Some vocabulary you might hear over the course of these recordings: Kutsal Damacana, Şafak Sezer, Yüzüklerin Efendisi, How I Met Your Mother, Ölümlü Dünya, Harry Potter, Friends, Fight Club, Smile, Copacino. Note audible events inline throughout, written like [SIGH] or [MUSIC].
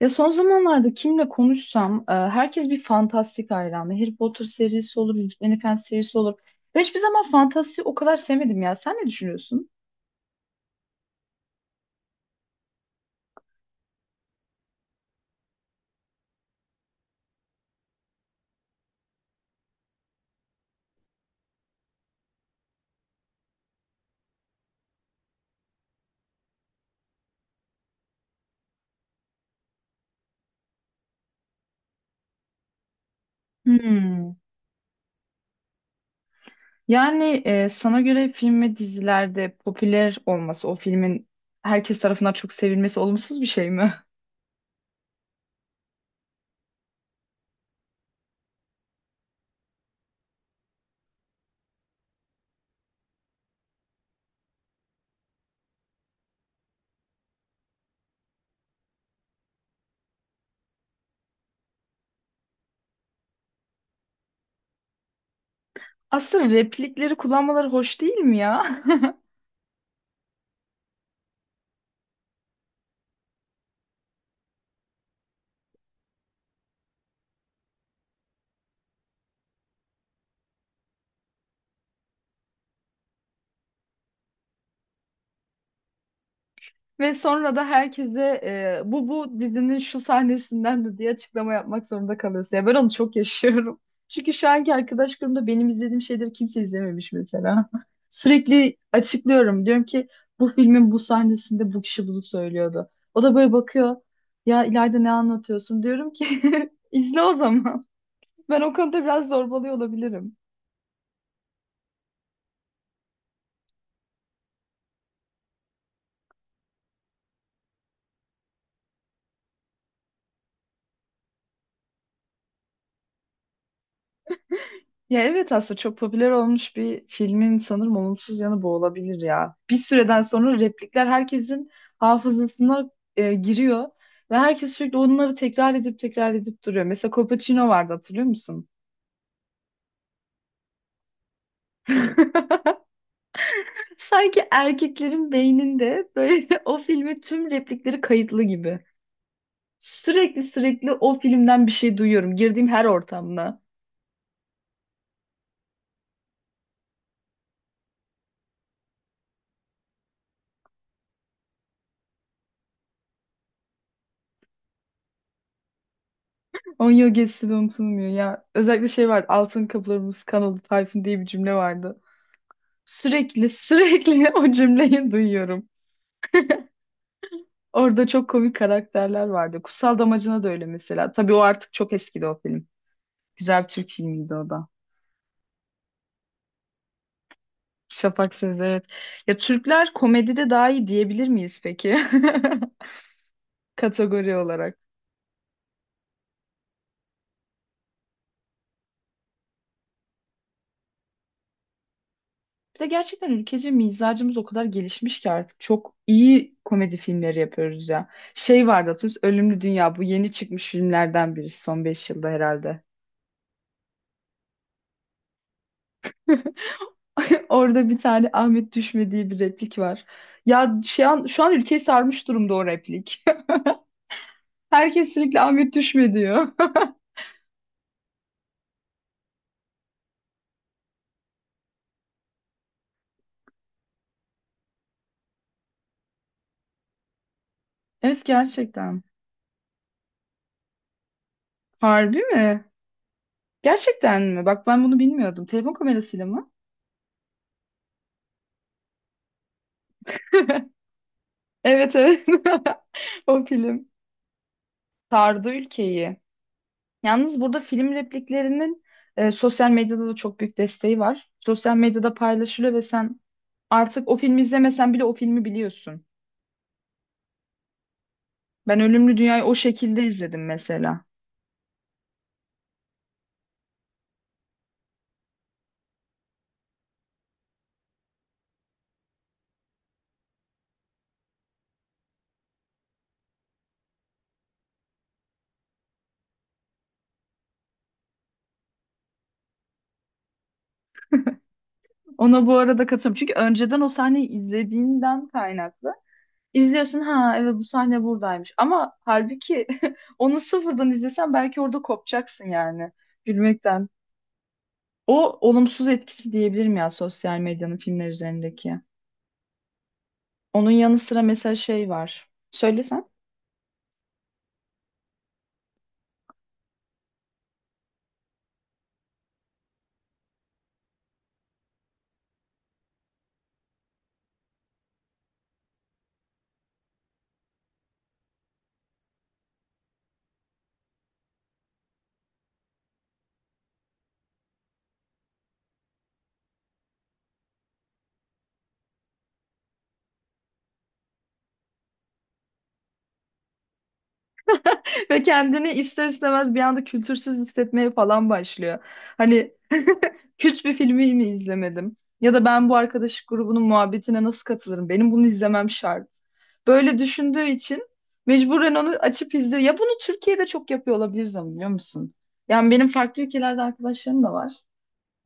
Ya son zamanlarda kimle konuşsam herkes bir fantastik hayranı. Harry Potter serisi olur, Yüzüklerin Efendisi serisi olur. Ben hiçbir zaman fantastiği o kadar sevmedim ya. Sen ne düşünüyorsun? Hmm. Yani sana göre film ve dizilerde popüler olması, o filmin herkes tarafından çok sevilmesi olumsuz bir şey mi? [LAUGHS] Aslında replikleri kullanmaları hoş değil mi ya? [LAUGHS] Ve sonra da herkese bu dizinin şu sahnesinden de diye açıklama yapmak zorunda kalıyorsun. Ya ben onu çok yaşıyorum. [LAUGHS] Çünkü şu anki arkadaş grubunda benim izlediğim şeyleri kimse izlememiş mesela. [LAUGHS] Sürekli açıklıyorum. Diyorum ki bu filmin bu sahnesinde bu kişi bunu söylüyordu. O da böyle bakıyor. Ya İlayda ne anlatıyorsun? Diyorum ki [LAUGHS] izle o zaman. Ben o konuda biraz zorbalıyor olabilirim. Ya evet aslında çok popüler olmuş bir filmin sanırım olumsuz yanı bu olabilir ya. Bir süreden sonra replikler herkesin hafızasına giriyor ve herkes sürekli onları tekrar edip tekrar edip duruyor. Mesela Copacino vardı hatırlıyor musun? [LAUGHS] Sanki erkeklerin beyninde böyle [LAUGHS] o filmi tüm replikleri kayıtlı gibi. Sürekli sürekli o filmden bir şey duyuyorum. Girdiğim her ortamda. 10 yıl geçse de unutulmuyor ya. Özellikle şey var. Altın kapılarımız kan oldu Tayfun diye bir cümle vardı. Sürekli sürekli [LAUGHS] o cümleyi duyuyorum. Orada çok komik karakterler vardı. Kutsal Damacana da öyle mesela. Tabii o artık çok eskidi o film. Güzel bir Türk filmiydi o da. Şafak Sezer evet. Ya Türkler komedide daha iyi diyebilir miyiz peki? [LAUGHS] Kategori olarak. Bir de gerçekten ülkece mizacımız o kadar gelişmiş ki artık çok iyi komedi filmleri yapıyoruz ya. Şey vardı hatırlıyor musun? Ölümlü Dünya bu yeni çıkmış filmlerden biri son 5 yılda herhalde. [LAUGHS] Orada bir tane Ahmet düşme diye bir replik var. Ya şu an, şu an ülkeyi sarmış durumda o replik. [LAUGHS] Herkes sürekli Ahmet düşme diyor. [LAUGHS] Evet gerçekten. Harbi mi? Gerçekten mi? Bak ben bunu bilmiyordum. Telefon kamerasıyla mı? [LAUGHS] Evet, evet. [LAUGHS] O film. Sardı ülkeyi. Yalnız burada film repliklerinin sosyal medyada da çok büyük desteği var. Sosyal medyada paylaşılıyor ve sen artık o filmi izlemesen bile o filmi biliyorsun. Ben Ölümlü Dünya'yı o şekilde izledim mesela. Ona bu arada katılıyorum. Çünkü önceden o sahneyi izlediğinden kaynaklı. İzliyorsun ha evet bu sahne buradaymış. Ama halbuki [LAUGHS] onu sıfırdan izlesen belki orada kopacaksın yani gülmekten. O olumsuz etkisi diyebilirim ya sosyal medyanın filmler üzerindeki. Onun yanı sıra mesela şey var. Söylesen. [LAUGHS] Ve kendini ister istemez bir anda kültürsüz hissetmeye falan başlıyor. Hani [LAUGHS] Kürt bir filmi mi izlemedim? Ya da ben bu arkadaş grubunun muhabbetine nasıl katılırım? Benim bunu izlemem şart. Böyle düşündüğü için mecburen onu açıp izliyor. Ya bunu Türkiye'de çok yapıyor olabiliriz ama biliyor musun? Yani benim farklı ülkelerde arkadaşlarım da var.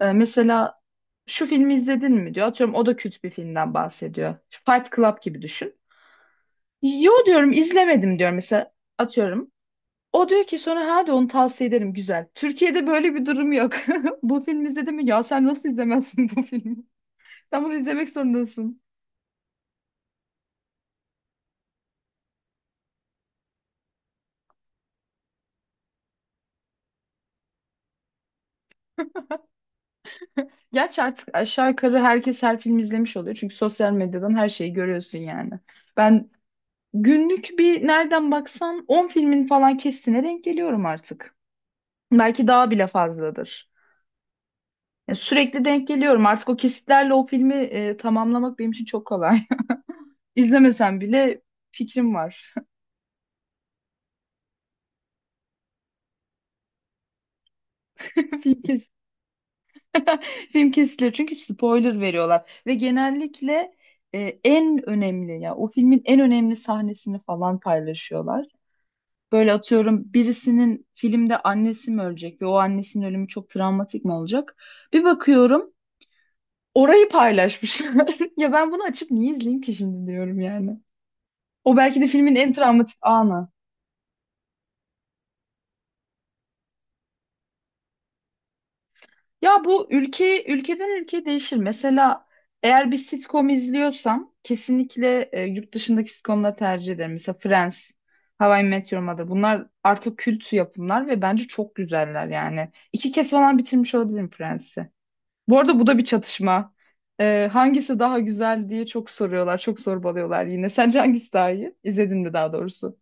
Mesela şu filmi izledin mi diyor. Atıyorum o da Kürt bir filmden bahsediyor. Fight Club gibi düşün. Yo diyorum izlemedim diyorum mesela atıyorum. O diyor ki sonra hadi onu tavsiye ederim güzel. Türkiye'de böyle bir durum yok. [LAUGHS] Bu film izledin mi? Ya sen nasıl izlemezsin bu filmi? Sen bunu izlemek zorundasın. Gerçi artık aşağı yukarı herkes her film izlemiş oluyor. Çünkü sosyal medyadan her şeyi görüyorsun yani. Ben günlük bir nereden baksan 10 filmin falan kesitine denk geliyorum artık. Belki daha bile fazladır. Ya sürekli denk geliyorum. Artık o kesitlerle o filmi tamamlamak benim için çok kolay. İzlemesem bile fikrim var. [LAUGHS] Film, kes [LAUGHS] film kesiliyor çünkü spoiler veriyorlar ve genellikle en önemli ya o filmin en önemli sahnesini falan paylaşıyorlar. Böyle atıyorum birisinin filmde annesi mi ölecek ve o annesinin ölümü çok travmatik mi olacak? Bir bakıyorum orayı paylaşmışlar. [LAUGHS] Ya ben bunu açıp niye izleyeyim ki şimdi diyorum yani. O belki de filmin en travmatik anı. Ya bu ülke ülkeden ülkeye değişir. Mesela eğer bir sitcom izliyorsam kesinlikle yurt dışındaki sitcomları tercih ederim. Mesela Friends, How I Met Your Mother. Bunlar artık kült yapımlar ve bence çok güzeller yani. 2 kez falan bitirmiş olabilirim Friends'i. Bu arada bu da bir çatışma. E, hangisi daha güzel diye çok soruyorlar, çok sorbalıyorlar yine. Sence hangisi daha iyi? İzledin mi daha doğrusu?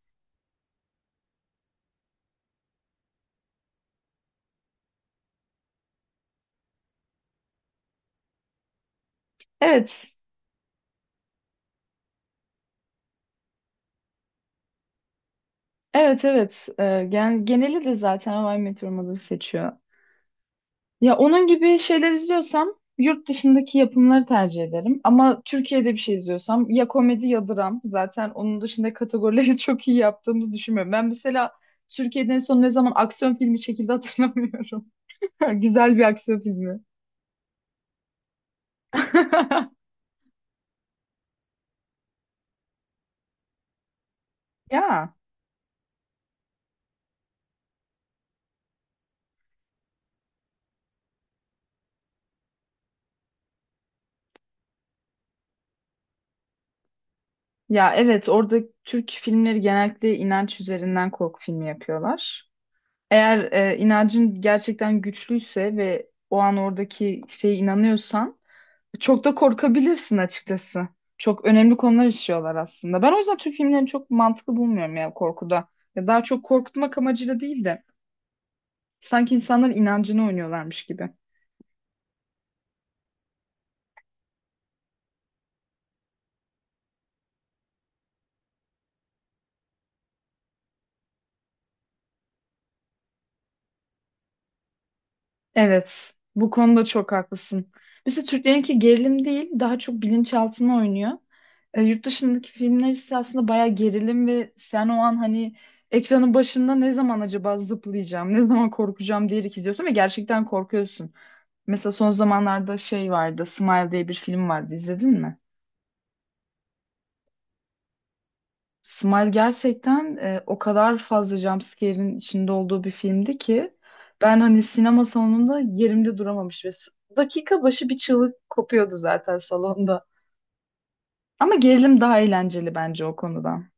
Evet, evet, evet. E, gen geneli de zaten How I Met Your Mother'ı seçiyor. Ya onun gibi şeyler izliyorsam yurt dışındaki yapımları tercih ederim. Ama Türkiye'de bir şey izliyorsam ya komedi ya dram. Zaten onun dışında kategorileri [LAUGHS] çok iyi yaptığımızı düşünmüyorum. Ben mesela Türkiye'den en son ne zaman aksiyon filmi çekildi hatırlamıyorum. [LAUGHS] Güzel bir aksiyon filmi. [LAUGHS] Ya. Ya evet orada Türk filmleri genellikle inanç üzerinden korku filmi yapıyorlar. Eğer inancın gerçekten güçlüyse ve o an oradaki şeye inanıyorsan çok da korkabilirsin açıkçası. Çok önemli konular işliyorlar aslında. Ben o yüzden Türk filmlerini çok mantıklı bulmuyorum ya korkuda. Ya daha çok korkutmak amacıyla değil de sanki insanların inancını oynuyorlarmış gibi. Evet, bu konuda çok haklısın. Mesela Türklerinki gerilim değil, daha çok bilinçaltına oynuyor. Yurt dışındaki filmler ise aslında bayağı gerilim ve sen o an hani ekranın başında ne zaman acaba zıplayacağım, ne zaman korkacağım diyerek izliyorsun ve gerçekten korkuyorsun. Mesela son zamanlarda şey vardı, Smile diye bir film vardı, izledin mi? Smile gerçekten o kadar fazla jumpscare'in içinde olduğu bir filmdi ki ben hani sinema salonunda yerimde duramamış dakika başı bir çığlık kopuyordu zaten salonda. Ama gerilim daha eğlenceli bence o konudan.